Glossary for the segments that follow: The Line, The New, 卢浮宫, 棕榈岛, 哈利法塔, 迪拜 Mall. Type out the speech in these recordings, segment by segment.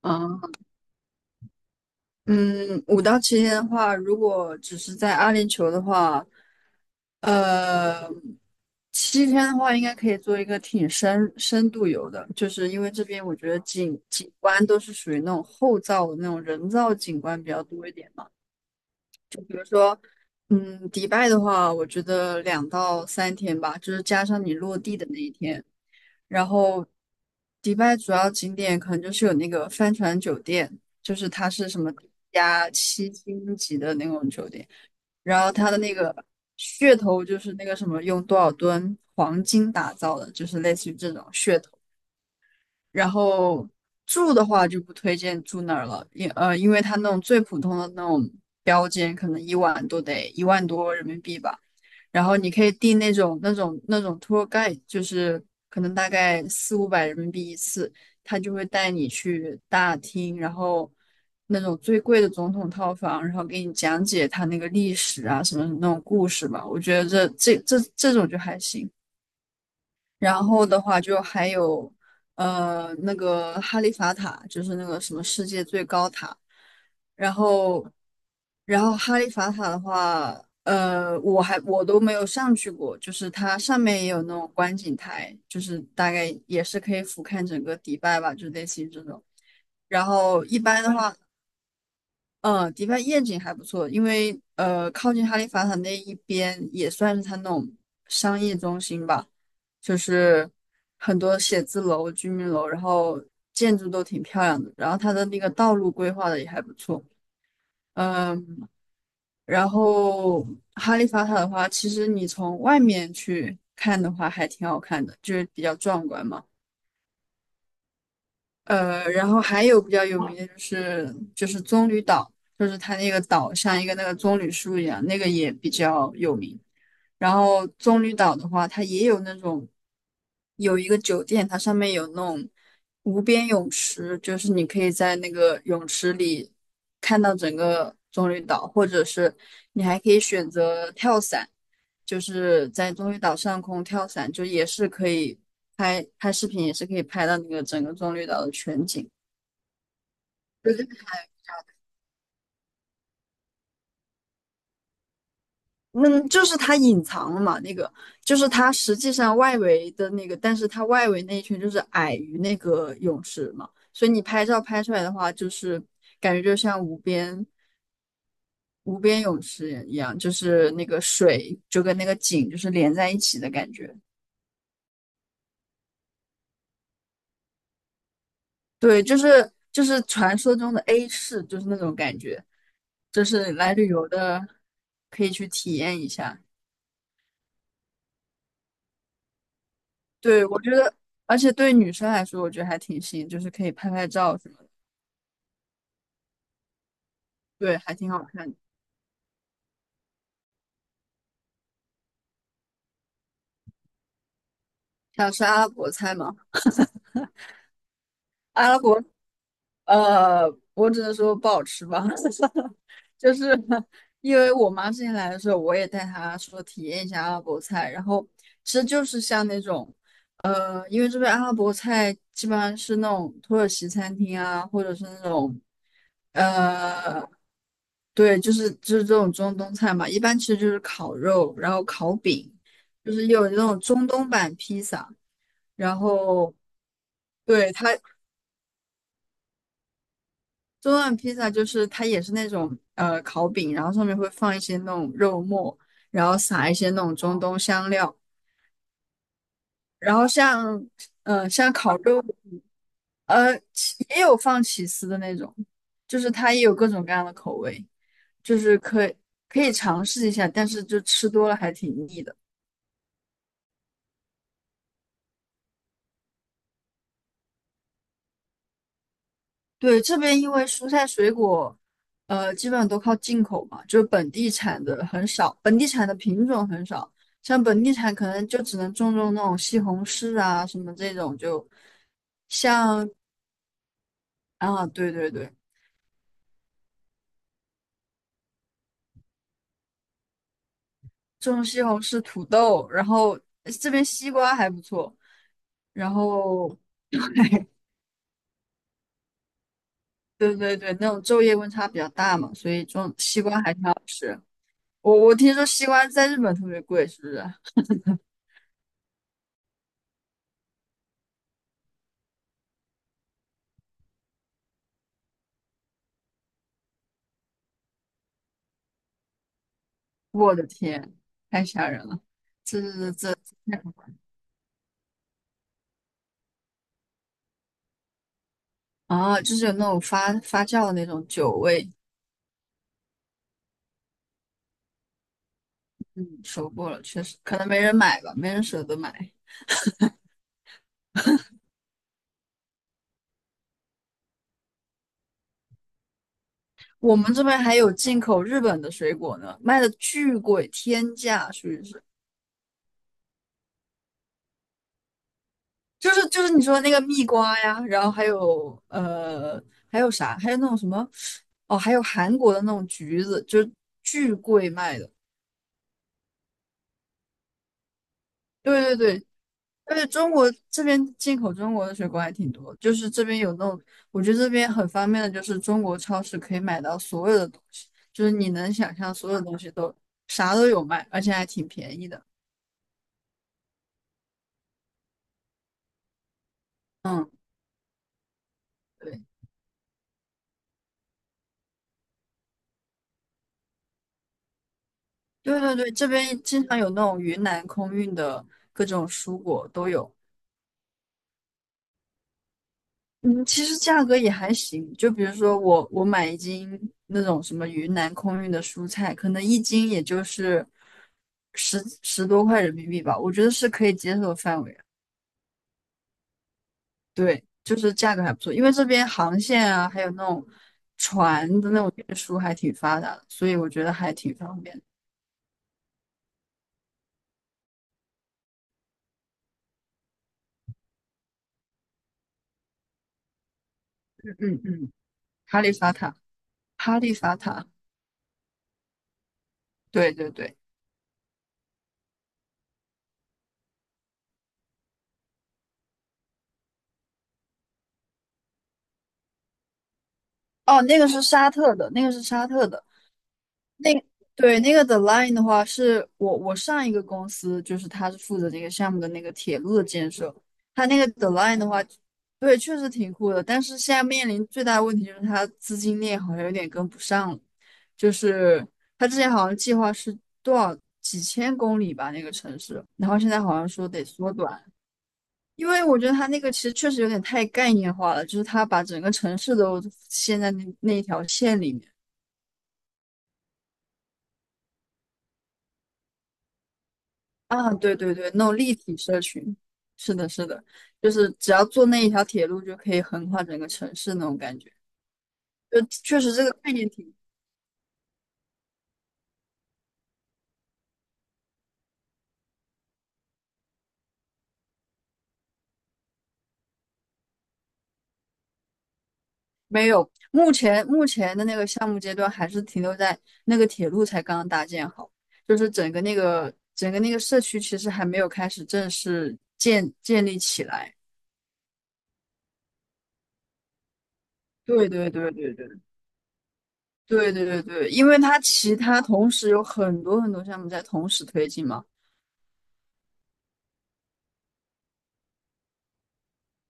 啊，嗯，5到7天的话，如果只是在阿联酋的话，呃，七天的话应该可以做一个挺深度游的，就是因为这边我觉得景观都是属于那种后造的那种人造景观比较多一点嘛。嗯，迪拜的话，我觉得2到3天吧，就是加上你落地的那一天。然后迪拜主要景点可能就是有那个帆船酒店，就是它是什么加7星级的那种酒店，然后它的那个噱头就是那个什么用多少吨黄金打造的，就是类似于这种噱头。然后住的话就不推荐住那儿了，因为它那种最普通的那种标间，可能1晚都得1万多人民币吧。然后你可以订那种 tour guide，就是可能大概四五百人民币1次，他就会带你去大厅，然后那种最贵的总统套房，然后给你讲解他那个历史啊什么什么那种故事吧。我觉得这种就还行。然后的话就还有那个哈利法塔，就是那个什么世界最高塔。然后，然后哈利法塔的话，我都没有上去过，就是它上面也有那种观景台，就是大概也是可以俯瞰整个迪拜吧，就类似于这种。然后一般的话，嗯，迪拜夜景还不错，因为靠近哈利法塔那一边也算是它那种商业中心吧，就是很多写字楼、居民楼，然后建筑都挺漂亮的，然后它的那个道路规划的也还不错，嗯，然后哈利法塔的话，其实你从外面去看的话还挺好看的，就是比较壮观嘛。然后还有比较有名的就是棕榈岛，就是它那个岛像一个那个棕榈树一样，那个也比较有名。然后棕榈岛的话，它也有那种有一个酒店，它上面有那种无边泳池，就是你可以在那个泳池里看到整个棕榈岛，或者是你还可以选择跳伞，就是在棕榈岛上空跳伞，就也是可以拍拍视频，也是可以拍到那个整个棕榈岛的全景。对对，嗯，就是它隐藏了嘛，那个就是它实际上外围的那个，但是它外围那一圈就是矮于那个泳池嘛，所以你拍照拍出来的话，就是感觉就像无边无边泳池一样，就是那个水就跟那个景就是连在一起的感觉。对，就是传说中的 A 市，就是那种感觉，就是来旅游的可以去体验一下。对，我觉得，而且对女生来说，我觉得还挺新，就是可以拍拍照什么的。对，还挺好看的。吃阿拉伯菜吗？阿拉伯，呃，我只能说不好吃吧，就是因为我妈之前来的时候，我也带她说体验一下阿拉伯菜，然后其实就是像那种，因为这边阿拉伯菜基本上是那种土耳其餐厅啊，或者是那种，呃，对，就是这种中东菜嘛，一般其实就是烤肉，然后烤饼，就是有那种中东版披萨。然后对，它中段披萨就是它也是那种烤饼，然后上面会放一些那种肉末，然后撒一些那种中东香料，然后像像烤肉，起也有放起司的那种，就是它也有各种各样的口味，就是可以尝试一下，但是就吃多了还挺腻的。对，这边因为蔬菜水果，基本上都靠进口嘛，就是本地产的很少，本地产的品种很少，像本地产可能就只能种种那种西红柿啊什么这种，就像啊，对对对，种西红柿、土豆，然后这边西瓜还不错，然后 对对对，那种昼夜温差比较大嘛，所以种西瓜还挺好吃。我听说西瓜在日本特别贵，是不是？我的天，太吓人了！这这这这太可怕了啊！就是有那种发酵的那种酒味，嗯，收过了，确实可能没人买吧，没人舍得买。我们这边还有进口日本的水果呢，卖的巨贵，天价，属于是，就是你说那个蜜瓜呀，然后还有还有啥，还有那种什么哦，还有韩国的那种橘子，就是巨贵卖的。对对对，而且中国这边进口中国的水果还挺多，就是这边有那种，我觉得这边很方便的，就是中国超市可以买到所有的东西，就是你能想象所有东西都啥都有卖，而且还挺便宜的。嗯，对，对对对，这边经常有那种云南空运的各种蔬果都有。嗯，其实价格也还行。就比如说我买一斤那种什么云南空运的蔬菜，可能一斤也就是十多块人民币吧，我觉得是可以接受的范围。对，就是价格还不错，因为这边航线啊，还有那种船的那种运输还挺发达的，所以我觉得还挺方便。嗯嗯嗯，哈利法塔，哈利法塔，对对对，哦，那个是沙特的，那个是沙特的。那对那个 The Line 的话，是我上一个公司，就是他是负责这个项目的那个铁路的建设。他那个 The Line 的话，对，确实挺酷的，但是现在面临最大的问题就是他资金链好像有点跟不上了。就是他之前好像计划是多少几千公里吧，那个城市，然后现在好像说得缩短，因为我觉得他那个其实确实有点太概念化了，就是他把整个城市都陷在那一条线里面。啊，对对对，那种立体社群，是的，是的，就是只要坐那一条铁路就可以横跨整个城市那种感觉，就确实这个概念挺没有。目前的那个项目阶段还是停留在那个铁路才刚刚搭建好，就是整个那个整个那个社区其实还没有开始正式建立起来。对对对对对对对对对，因为它其他同时有很多很多项目在同时推进嘛。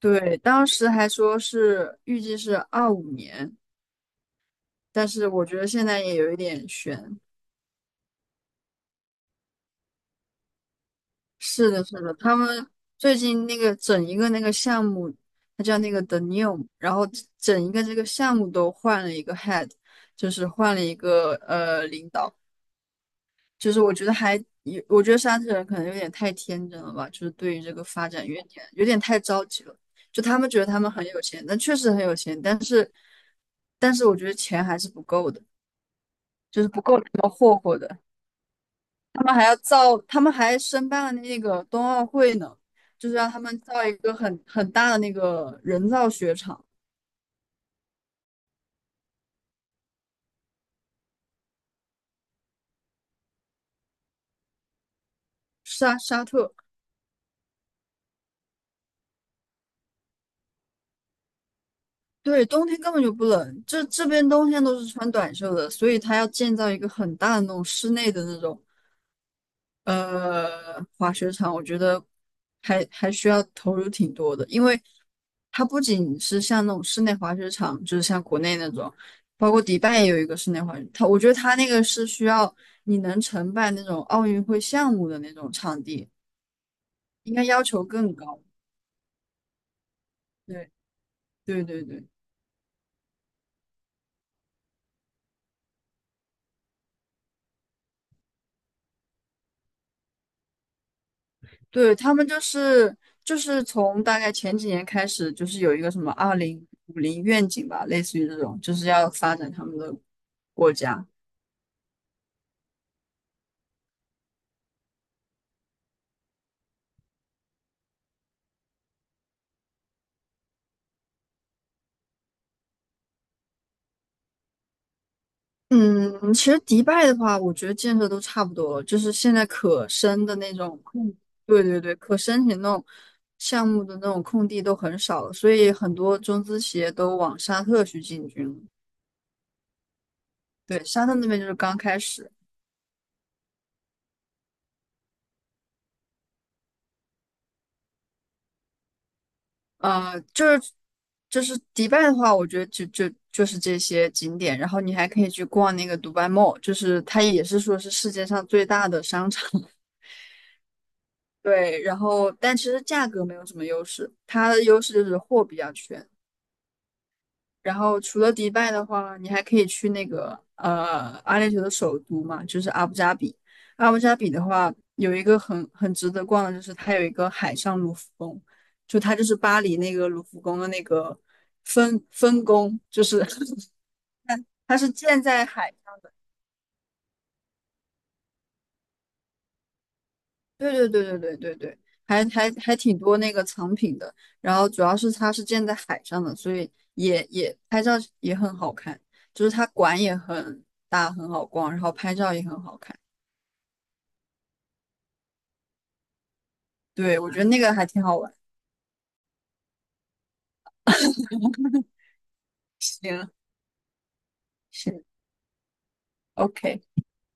对，当时还说是预计是25年，但是我觉得现在也有一点悬。是的，是的，他们最近那个整一个那个项目，它叫那个 The New，然后整一个这个项目都换了一个 head，就是换了一个领导，就是我觉得还有，我觉得沙特人可能有点太天真了吧，就是对于这个发展有点有点太着急了。就他们觉得他们很有钱，但确实很有钱，但是我觉得钱还是不够的。就是不够他们霍霍的。他们还要造，他们还申办了那个冬奥会呢，就是让他们造一个很很大的那个人造雪场。沙特。对，冬天根本就不冷，这边冬天都是穿短袖的，所以他要建造一个很大的那种室内的那种滑雪场我觉得还需要投入挺多的，因为它不仅是像那种室内滑雪场，就是像国内那种，包括迪拜也有一个室内滑雪，它我觉得它那个是需要你能承办那种奥运会项目的那种场地，应该要求更高。对对对对对，他们就是从大概前几年开始，就是有一个什么2050愿景吧，类似于这种，就是要发展他们的国家。嗯，其实迪拜的话，我觉得建设都差不多了，就是现在可申的那种，空，对对对，可申请那种项目的那种空地都很少了，所以很多中资企业都往沙特去进军了。对，沙特那边就是刚开始，呃，就是就是迪拜的话，我觉得就是这些景点，然后你还可以去逛那个迪拜 Mall，就是它也是说是世界上最大的商场。对，然后但其实价格没有什么优势，它的优势就是货比较全。然后除了迪拜的话，你还可以去那个阿联酋的首都嘛，就是阿布扎比。阿布扎比的话，有一个很值得逛的，就是它有一个海上卢浮宫，就它就是巴黎那个卢浮宫的那个分宫，就是 它是建在海上。对对对对对对对，还挺多那个藏品的。然后主要是它是建在海上的，所以也拍照也很好看，就是它馆也很大，很好逛，然后拍照也很好看。对，我觉得那个还挺好玩。行，OK，行 OK